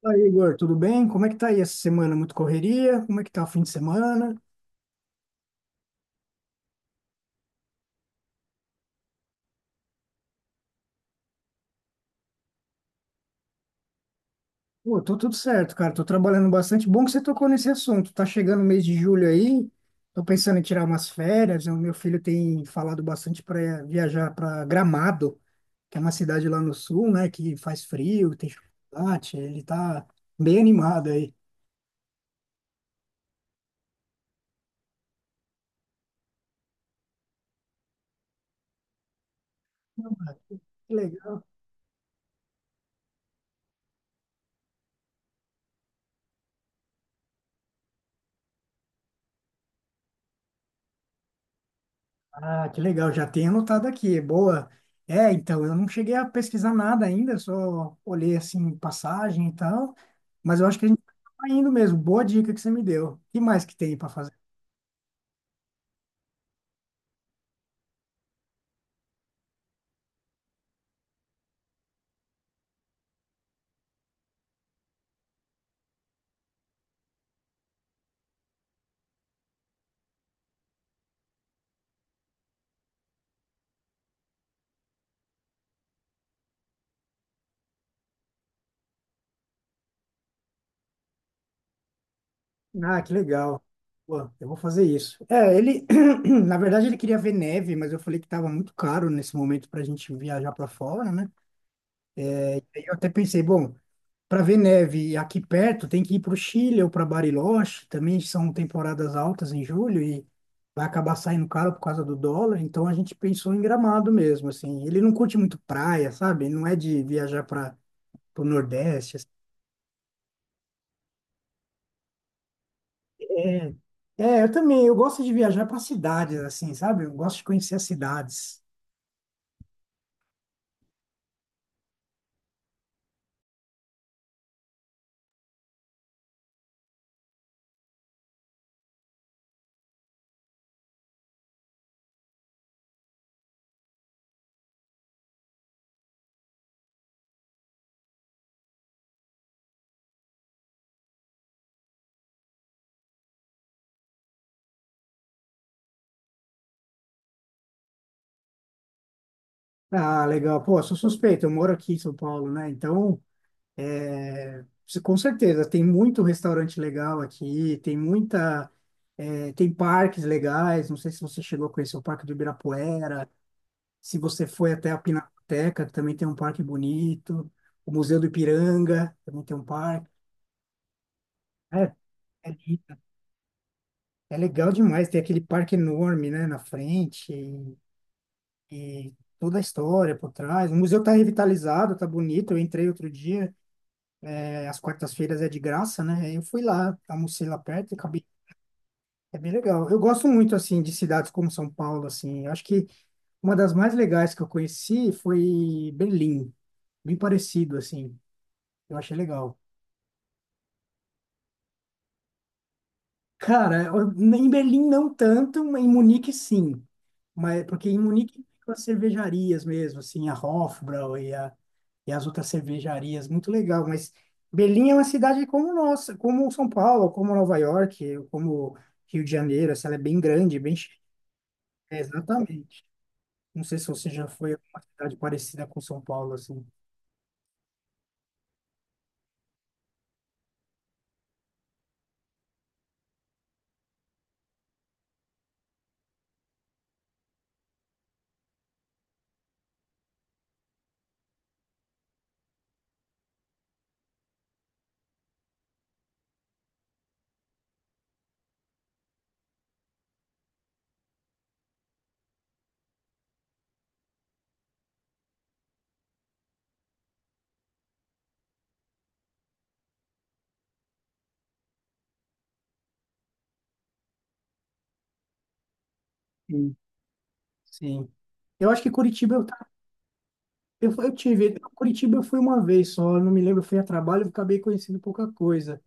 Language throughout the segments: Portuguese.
Fala, Igor, tudo bem? Como é que tá aí essa semana? Muito correria? Como é que tá o fim de semana? Pô, tô tudo certo, cara. Tô trabalhando bastante. Bom que você tocou nesse assunto. Tá chegando o mês de julho aí. Tô pensando em tirar umas férias. O meu filho tem falado bastante para viajar para Gramado, que é uma cidade lá no sul, né? Que faz frio, tem chocolate. Ele tá bem animado aí. Pô, cara. Que legal. Ah, que legal, já tenho anotado aqui, boa. É, então, eu não cheguei a pesquisar nada ainda, só olhei, assim, passagem e tal, mas eu acho que a gente tá indo mesmo, boa dica que você me deu. O que mais que tem para fazer? Ah, que legal. Pô, eu vou fazer isso. É, ele, na verdade, ele queria ver neve, mas eu falei que estava muito caro nesse momento para a gente viajar para fora, né? Eu até pensei, bom, para ver neve aqui perto, tem que ir para o Chile ou para Bariloche, também são temporadas altas em julho e vai acabar saindo caro por causa do dólar, então a gente pensou em Gramado mesmo, assim. Ele não curte muito praia, sabe? Não é de viajar para o Nordeste, assim. É, é, eu também, eu gosto de viajar para cidades, assim, sabe? Eu gosto de conhecer as cidades. Ah, legal. Pô, eu sou suspeito, eu moro aqui em São Paulo, né? Então, é, com certeza, tem muito restaurante legal aqui, tem muita, é, tem parques legais. Não sei se você chegou a conhecer o Parque do Ibirapuera, se você foi até a Pinacoteca, que também tem um parque bonito, o Museu do Ipiranga também tem um parque. É, é, lindo, é legal demais, tem aquele parque enorme, né, na frente, e toda a história por trás. O museu está revitalizado, está bonito. Eu entrei outro dia, é, às quartas-feiras é de graça, né? Aí eu fui lá, almocei lá perto e acabei. É bem legal. Eu gosto muito, assim, de cidades como São Paulo, assim. Eu acho que uma das mais legais que eu conheci foi Berlim. Bem parecido, assim. Eu achei legal. Cara, em Berlim não tanto, mas em Munique sim. Mas, porque em Munique ficam as cervejarias mesmo, assim, a Hofbrau e, a, e as outras cervejarias. Muito legal, mas Berlim é uma cidade como nossa, como São Paulo, como Nova York, como Rio de Janeiro, assim, ela é bem grande, bem. É, exatamente. Não sei se você já foi a uma cidade parecida com São Paulo, assim. Sim. Sim. Eu acho que Curitiba eu tive. Curitiba eu fui uma vez só, eu não me lembro, eu fui a trabalho, eu acabei conhecendo pouca coisa.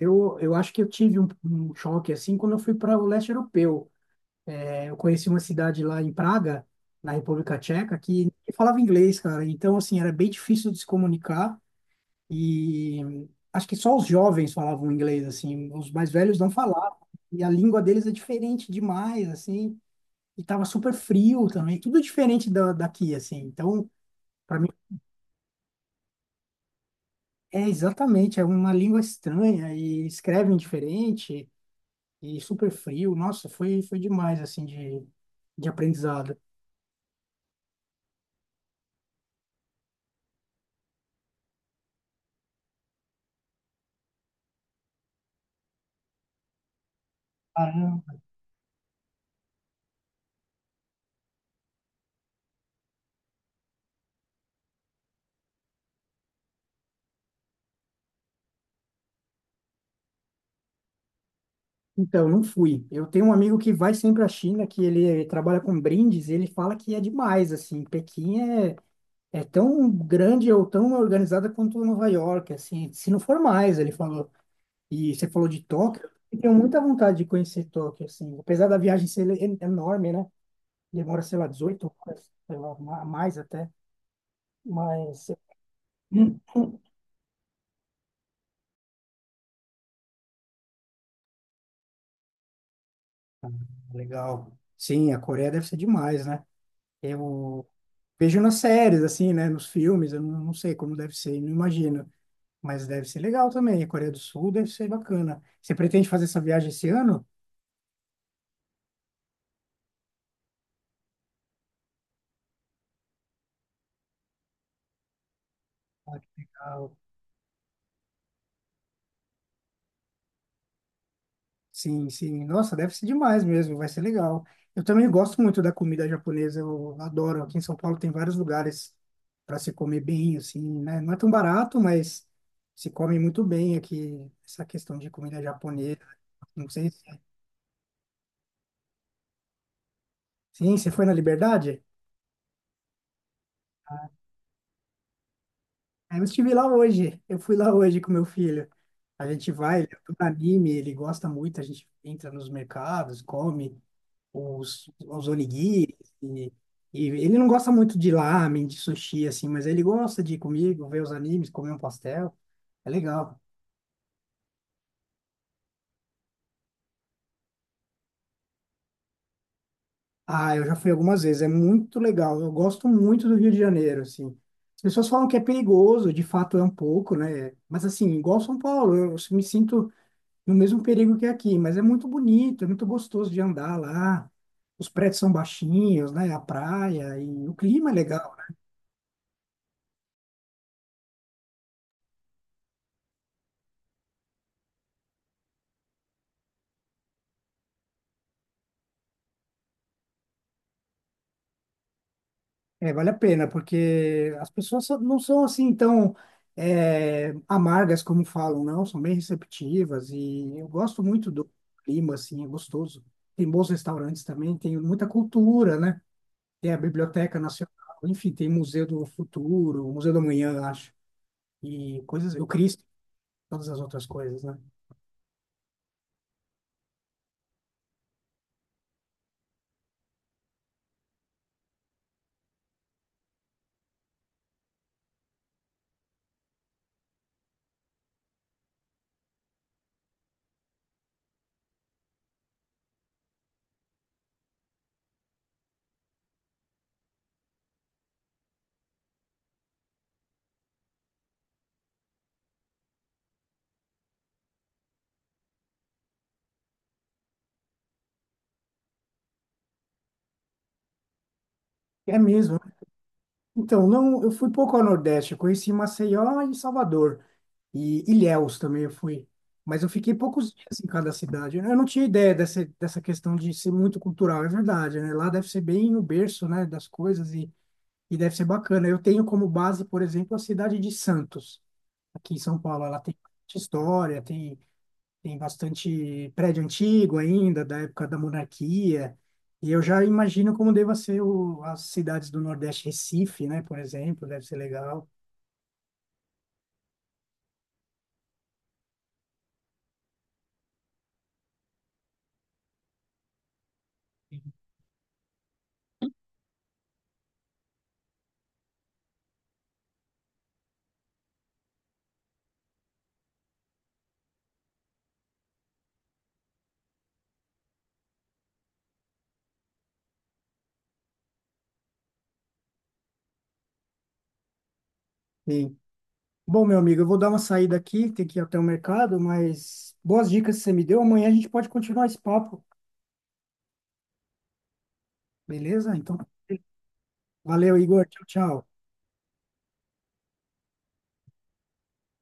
Eu acho que eu tive um choque assim quando eu fui para o leste europeu. É, eu conheci uma cidade lá em Praga, na República Tcheca, que ninguém falava inglês, cara. Então, assim, era bem difícil de se comunicar. E acho que só os jovens falavam inglês, assim, os mais velhos não falavam. E a língua deles é diferente demais, assim, e tava super frio também, tudo diferente da, daqui, assim. Então, para mim, é exatamente, é uma língua estranha e escrevem diferente e super frio. Nossa, foi, foi demais, assim, de aprendizado. Caramba. Então, não fui. Eu tenho um amigo que vai sempre à China, que ele trabalha com brindes, e ele fala que é demais, assim, Pequim é tão grande ou tão organizada quanto Nova York, assim, se não for mais, ele falou. E você falou de Tóquio, eu tenho muita vontade de conhecer Tóquio, assim, apesar da viagem ser enorme, né? Demora, sei lá, 18 horas, sei lá, mais até, mas hum. Legal. Sim, a Coreia deve ser demais, né? Eu vejo nas séries, assim, né? Nos filmes, eu não, não sei como deve ser, não imagino. Mas deve ser legal também. A Coreia do Sul deve ser bacana. Você pretende fazer essa viagem esse ano? Ah, que legal. Sim, sim. Nossa, deve ser demais mesmo, vai ser legal. Eu também gosto muito da comida japonesa, eu adoro. Aqui em São Paulo tem vários lugares para se comer bem, assim, né? Não é tão barato, mas se come muito bem aqui, essa questão de comida japonesa. Não sei se... Sim, você foi na Liberdade? Eu estive lá hoje, eu fui lá hoje com meu filho. A gente vai, ele é todo anime, ele gosta muito, a gente entra nos mercados, come os onigiri. E, e ele não gosta muito de ramen, de sushi, assim, mas ele gosta de ir comigo, ver os animes, comer um pastel. É legal. Ah, eu já fui algumas vezes, é muito legal. Eu gosto muito do Rio de Janeiro, assim. As pessoas falam que é perigoso, de fato é um pouco, né? Mas assim, igual São Paulo, eu me sinto no mesmo perigo que aqui, mas é muito bonito, é muito gostoso de andar lá. Os prédios são baixinhos, né? A praia e o clima é legal. É, vale a pena, porque as pessoas não são assim tão, é, amargas como falam, não, são bem receptivas e eu gosto muito do clima, assim, é gostoso. Tem bons restaurantes também, tem muita cultura, né? Tem a Biblioteca Nacional, enfim, tem Museu do Futuro, Museu do Amanhã, acho, e coisas, o Cristo, todas as outras coisas, né? É mesmo. Então, não, eu fui pouco ao Nordeste, eu conheci Maceió e Salvador, e Ilhéus também eu fui, mas eu fiquei poucos dias em cada cidade. Eu não tinha ideia dessa, dessa questão de ser muito cultural, é verdade, né? Lá deve ser bem o berço, né, das coisas e deve ser bacana. Eu tenho como base, por exemplo, a cidade de Santos, aqui em São Paulo. Ela tem bastante história, tem bastante prédio antigo ainda, da época da monarquia. E eu já imagino como deva ser o, as cidades do Nordeste, Recife, né, por exemplo, deve ser legal. Sim. Bom, meu amigo, eu vou dar uma saída aqui, tem que ir até o mercado, mas boas dicas que você me deu. Amanhã a gente pode continuar esse papo, beleza? Então, valeu, Igor. Tchau, tchau.